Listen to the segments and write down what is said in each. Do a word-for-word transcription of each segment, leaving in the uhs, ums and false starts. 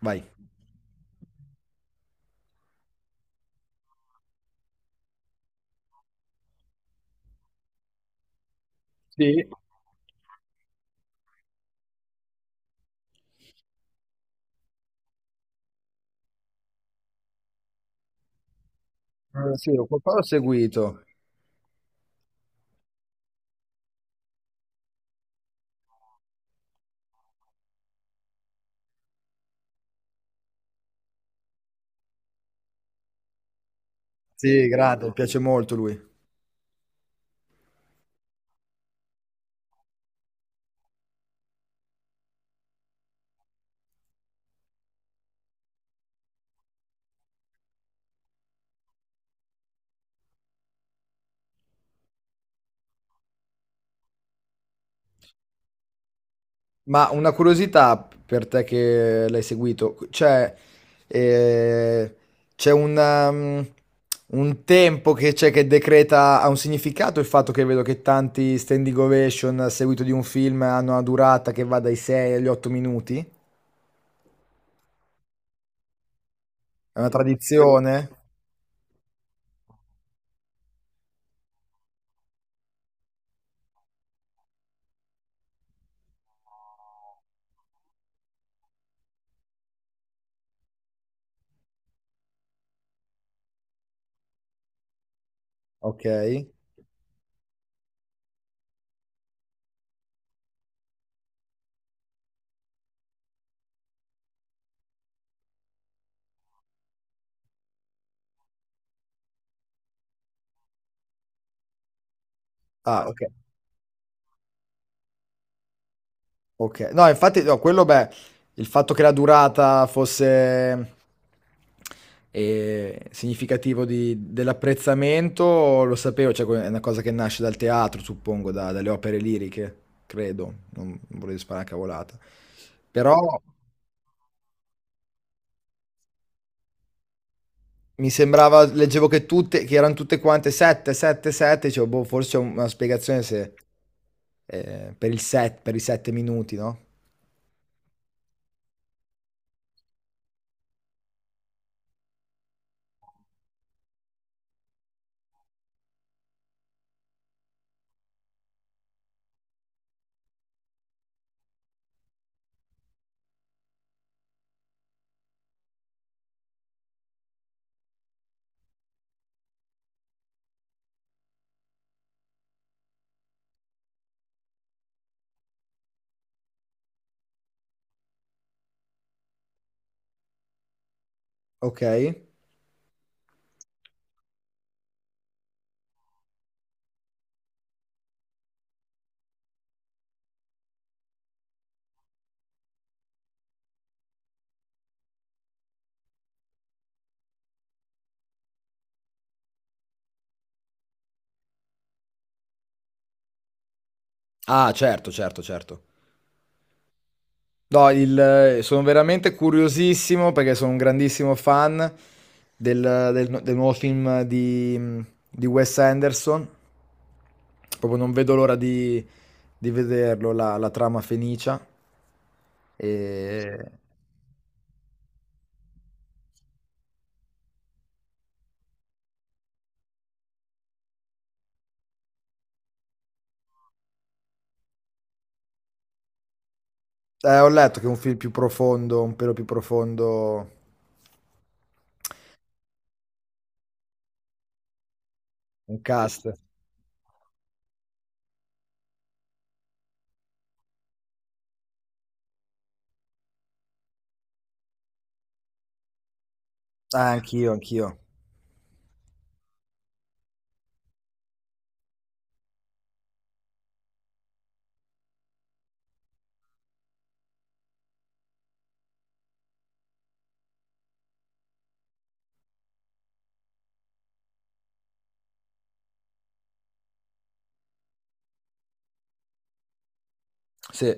Vai. Sì, eh, sì, ho qualcosa ho seguito. Sì, mi grande, piace molto lui. Ma una curiosità per te che l'hai seguito, c'è eh, c'è un, um, un tempo che c'è che decreta ha un significato il fatto che vedo che tanti standing ovation a seguito di un film hanno una durata che va dai sei agli otto minuti? È una tradizione? Ok. Ah, ok. Ok, no, infatti, no, quello, beh, il fatto che la durata fosse eh, significativo di- dell'apprezzamento lo sapevo, cioè que- è una cosa che nasce dal teatro, suppongo, da- dalle opere liriche, credo, non, non volevo sparare a cavolata. Però mi sembrava, leggevo che tutte, che erano tutte quante sette, sette, sette, dicevo, boh, forse c'è una spiegazione se, eh, per il set, per i sette minuti, no? Ok. Ah, certo, certo, certo. No, il- eh, sono veramente curiosissimo perché sono un grandissimo fan del, del- del nuovo film di, di Wes Anderson. Proprio non vedo l'ora di, di vederlo, la, la trama Fenicia. E eh, ho letto che è un film più profondo, un pelo più profondo, un cast. Ah, anch'io, anch'io. Sì.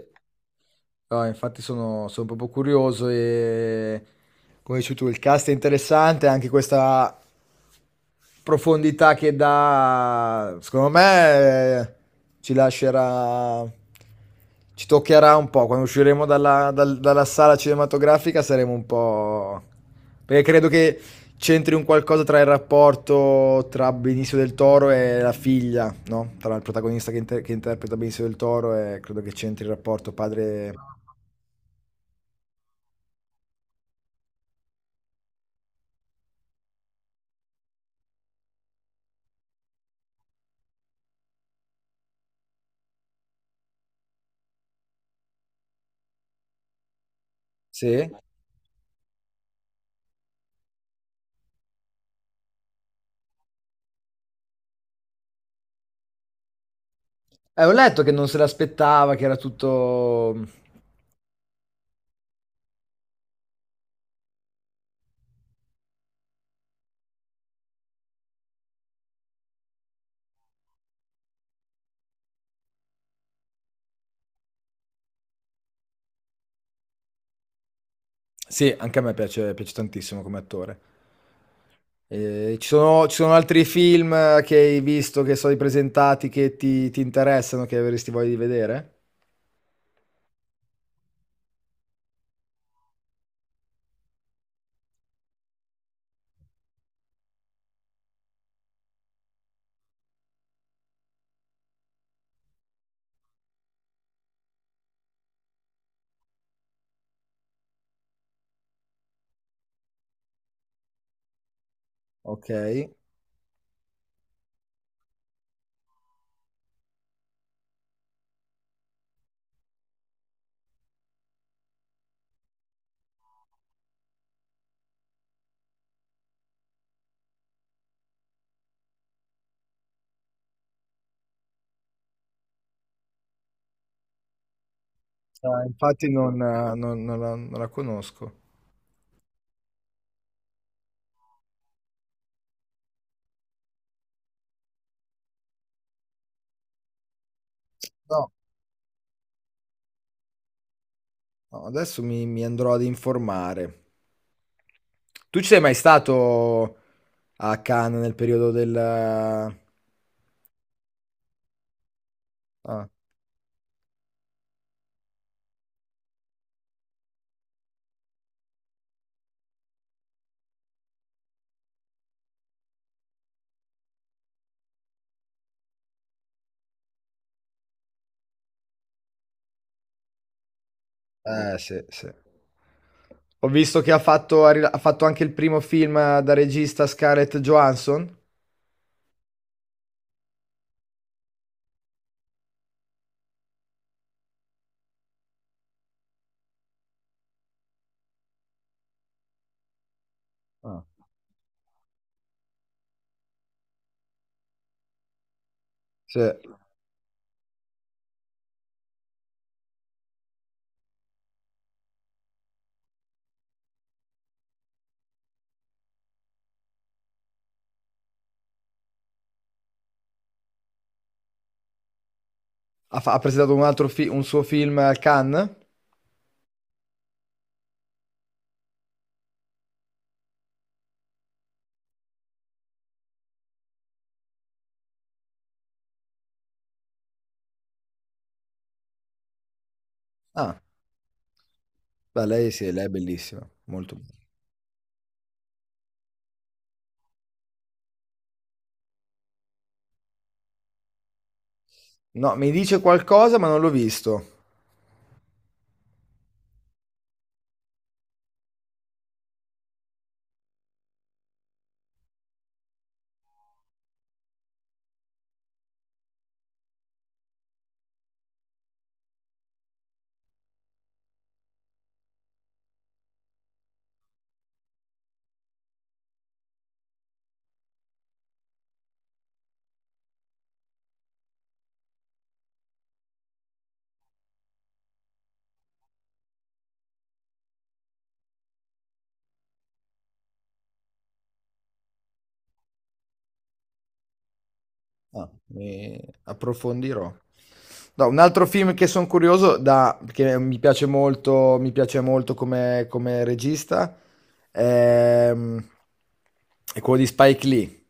No, infatti sono, sono proprio curioso e come dici tu, il cast è interessante, anche questa profondità che dà, secondo me, eh, ci lascerà, ci toccherà un po'. Quando usciremo dalla, dal- dalla sala cinematografica saremo un po'. Perché credo che c'entri un qualcosa tra il rapporto tra Benicio del Toro e la figlia, no? Tra il protagonista che, inter- che interpreta Benicio del Toro e credo che c'entri il rapporto padre. Sì? Eh, ho letto che non se l'aspettava, che era tutto. Sì, anche a me piace, piace tantissimo come attore. Eh, ci sono, ci sono altri film eh, che hai visto, che sono presentati, che ti, ti interessano, che avresti voglia di vedere? Ok. Eh, infatti non, eh, non- non la, non la conosco. No, no, adesso mi, mi andrò ad informare. Tu ci sei mai stato a Cannes nel periodo del? Ah. Eh, sì, sì. Ho visto che ha fatto, ha rila- ha fatto anche il primo film eh, da regista Scarlett Johansson. Ah, sì. Ha, fa- ha presentato un altro fi- un suo film a Cannes. Ah, beh, lei sì, lei è bellissima, molto bella. No, mi dice qualcosa, ma non l'ho visto. Ah, mi approfondirò. No, un altro film che sono curioso da, che mi piace molto, mi piace molto come, come regista ehm, è quello di Spike Lee.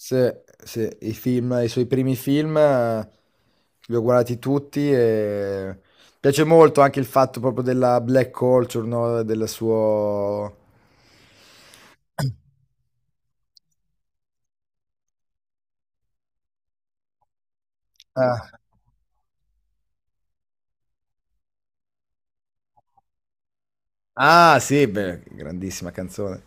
Se, se i film, i suoi primi film eh, li ho guardati tutti e piace molto anche il fatto proprio della black culture, no? Del suo. Ah, ah, sì, beh, grandissima canzone.